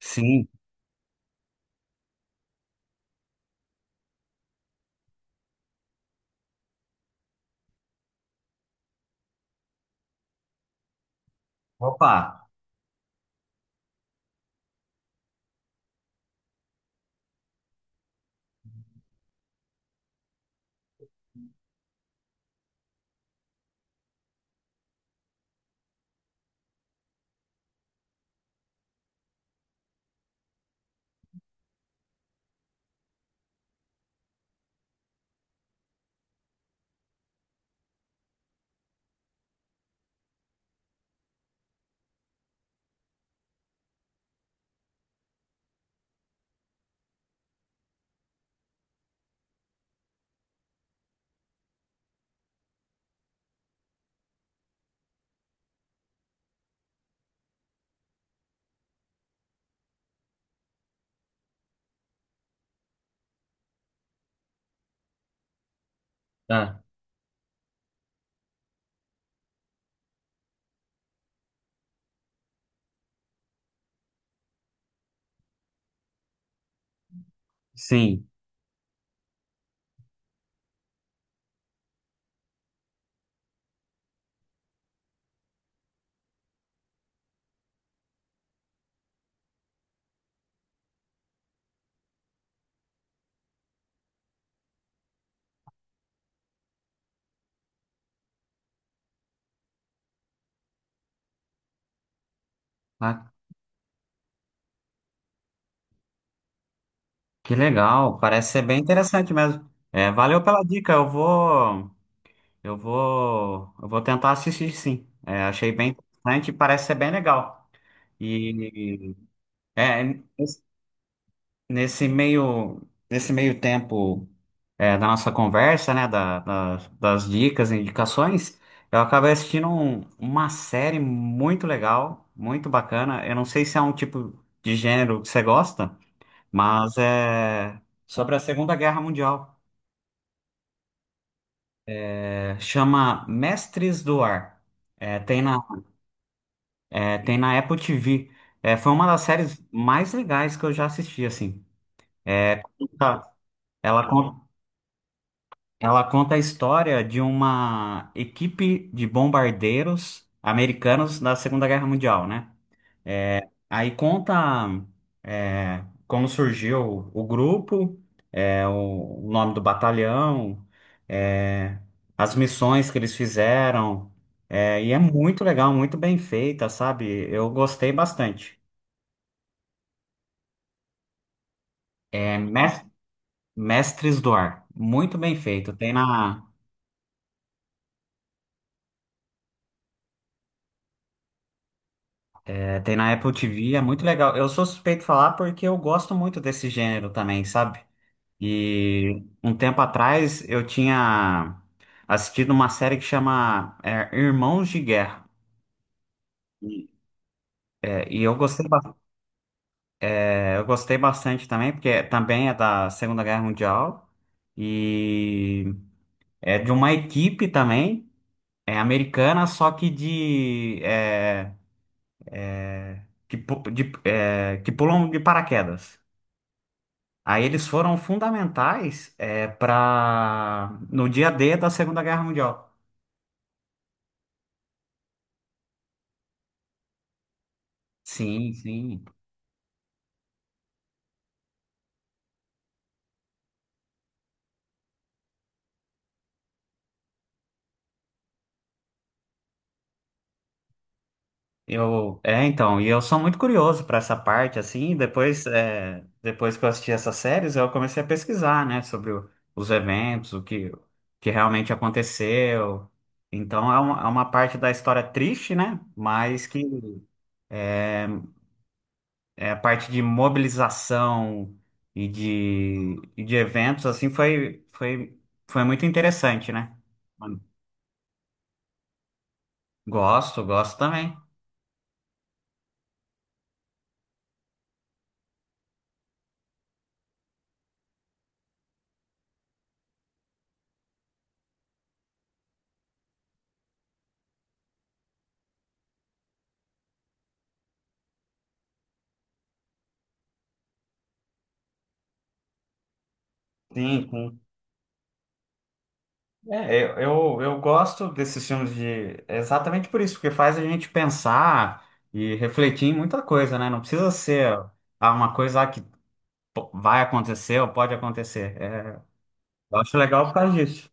Sim, Ah, sim. Ah, que legal. Parece ser bem interessante mesmo. É, valeu pela dica. Eu vou tentar assistir, sim. É, achei bem interessante e parece ser bem legal. E é, nesse nesse meio, meio tempo da nossa conversa, né, das dicas, indicações, eu acabei assistindo uma série muito legal, muito bacana. Eu não sei se é um tipo de gênero que você gosta. Mas é sobre a Segunda Guerra Mundial. É, chama Mestres do Ar. É, tem na, é, tem na Apple TV. É, foi uma das séries mais legais que eu já assisti, assim. Tá. Ela conta, ela conta a história de uma equipe de bombardeiros americanos da Segunda Guerra Mundial, né? Aí conta como surgiu o grupo, o nome do batalhão, é, as missões que eles fizeram. É, e é muito legal, muito bem feita, sabe? Eu gostei bastante. É Mes- Mestres do Ar, muito bem feito. É, tem na Apple TV, é muito legal. Eu sou suspeito de falar porque eu gosto muito desse gênero também, sabe? E um tempo atrás eu tinha assistido uma série que chama Irmãos de Guerra. E, e eu gostei bastante também, porque também é da Segunda Guerra Mundial e é de uma equipe também, é americana, só que de, é, que, pu- de- é, que pulam de paraquedas. Aí eles foram fundamentais para no dia D da Segunda Guerra Mundial. Sim, sim. Então, eu sou muito curioso para essa parte, assim, depois que eu assisti essas séries, eu comecei a pesquisar, né, sobre os eventos, o que realmente aconteceu. Então, é uma parte da história triste, né, mas que é a parte de mobilização e de eventos, assim, foi muito interessante, né? Gosto, gosto também. Sim. É, eu, eu gosto desses filmes de exatamente por isso, porque faz a gente pensar e refletir em muita coisa, né? Não precisa ser uma coisa que vai acontecer ou pode acontecer. Eu acho legal por causa disso.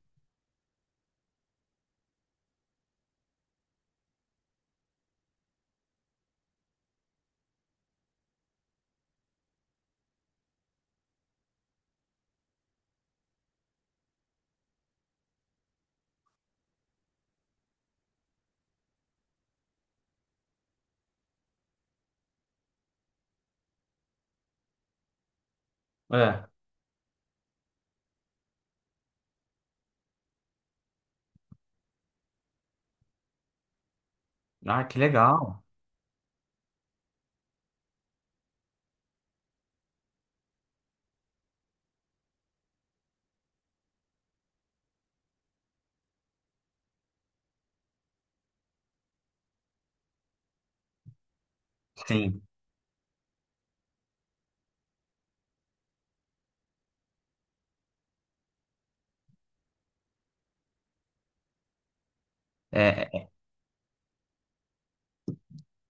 É. Ah, que legal. Sim. É,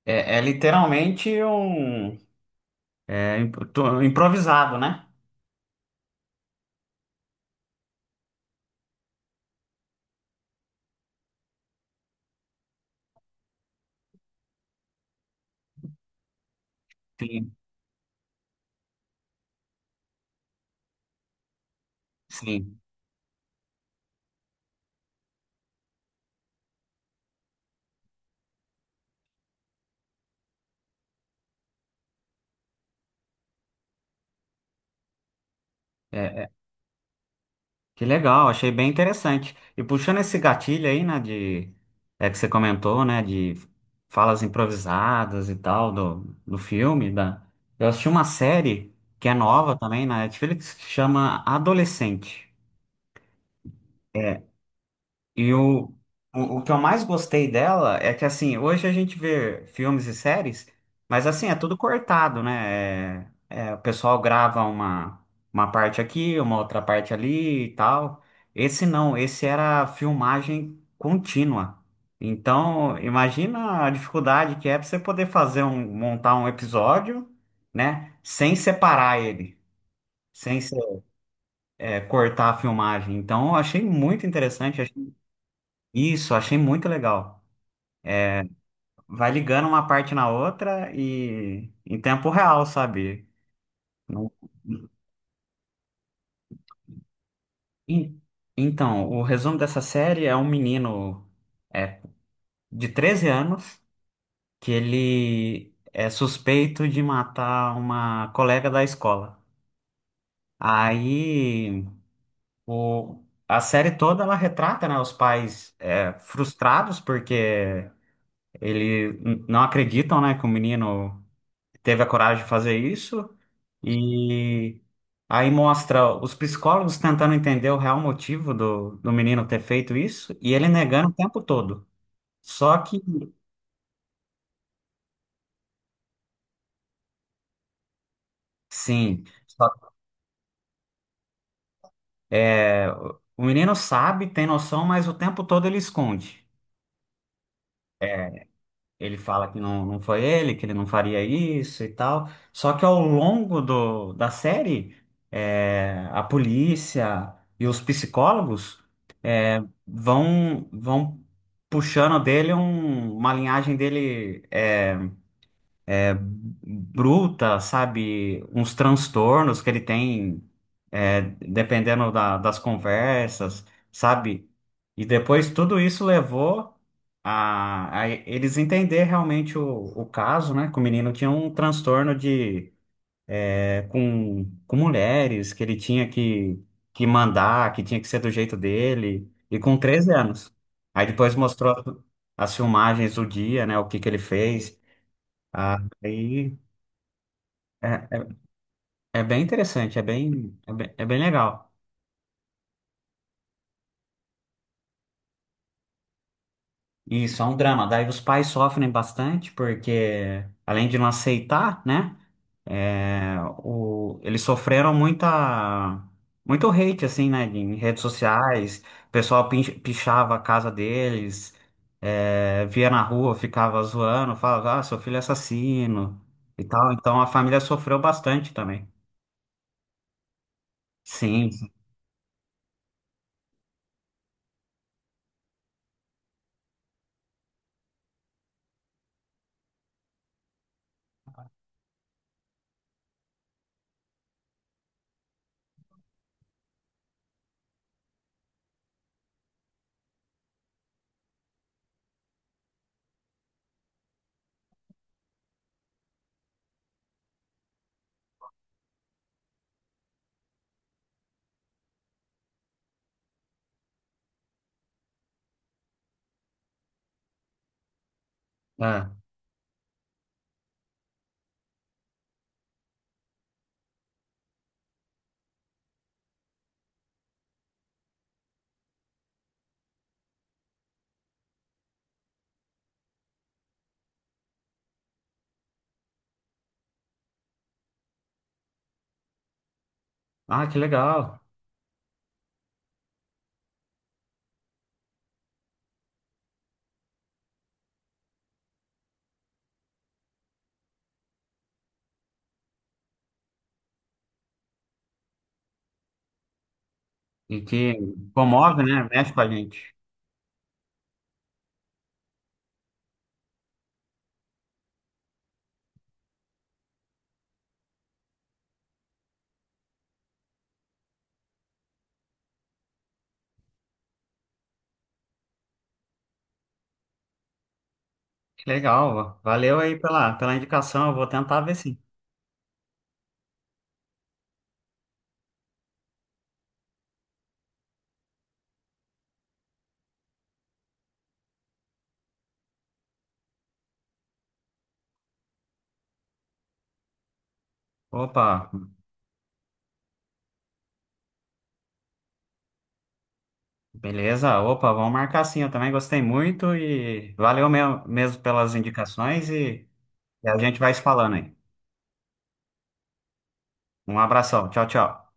é literalmente um improvisado, né? Sim, sim. É, que legal, achei bem interessante. E puxando esse gatilho aí, né, de, é que você comentou, né, de falas improvisadas e tal, eu assisti uma série que é nova também na Netflix, que chama Adolescente. E o, o que eu mais gostei dela é que, assim, hoje a gente vê filmes e séries, mas, assim, é tudo cortado, né? O pessoal grava uma parte aqui, uma outra parte ali e tal. Esse não, esse era filmagem contínua. Então, imagina a dificuldade que é para você poder montar um episódio, né? Sem separar ele, sem cortar a filmagem. Então, eu achei muito interessante. Isso, achei muito legal. Vai ligando uma parte na outra e em tempo real, sabe? Não- En- Então, o resumo dessa série é um menino é, de 13 anos que ele é suspeito de matar uma colega da escola. Aí a série toda ela retrata, né, os pais frustrados porque ele não acreditam, né, que o menino teve a coragem de fazer isso e aí mostra os psicólogos tentando entender o real motivo do menino ter feito isso e ele negando o tempo todo. Só que, sim, só- é, o menino sabe, tem noção, mas o tempo todo ele esconde. Ele fala que não, não foi ele, que ele não faria isso e tal. Só que ao longo da série, é, a polícia e os psicólogos vão puxando dele uma linhagem dele é bruta, sabe? Uns transtornos que ele tem, é, dependendo das conversas, sabe? E depois tudo isso levou a eles entender realmente o caso, né? Que o menino tinha um transtorno com mulheres que ele tinha que mandar, que tinha que ser do jeito dele, e com 13 anos. Aí depois mostrou as filmagens do dia, né, o que que ele fez. Aí é, é bem interessante, é bem legal. Isso, é um drama. Daí os pais sofrem bastante, porque além de não aceitar, né? É, eles sofreram muito hate, assim, né? Em redes sociais, o pessoal pichava a casa deles, é, via na rua, ficava zoando, falava, ah, seu filho é assassino e tal. Então a família sofreu bastante também. Sim, sim, é. Ah, que legal. E que comove, né? Mexe com a gente. Que legal. Valeu aí pela indicação, eu vou tentar ver sim. Opa. Beleza, opa, vamos marcar sim. Eu também gostei muito e valeu mesmo, mesmo pelas indicações e a gente vai se falando aí. Um abração, tchau, tchau.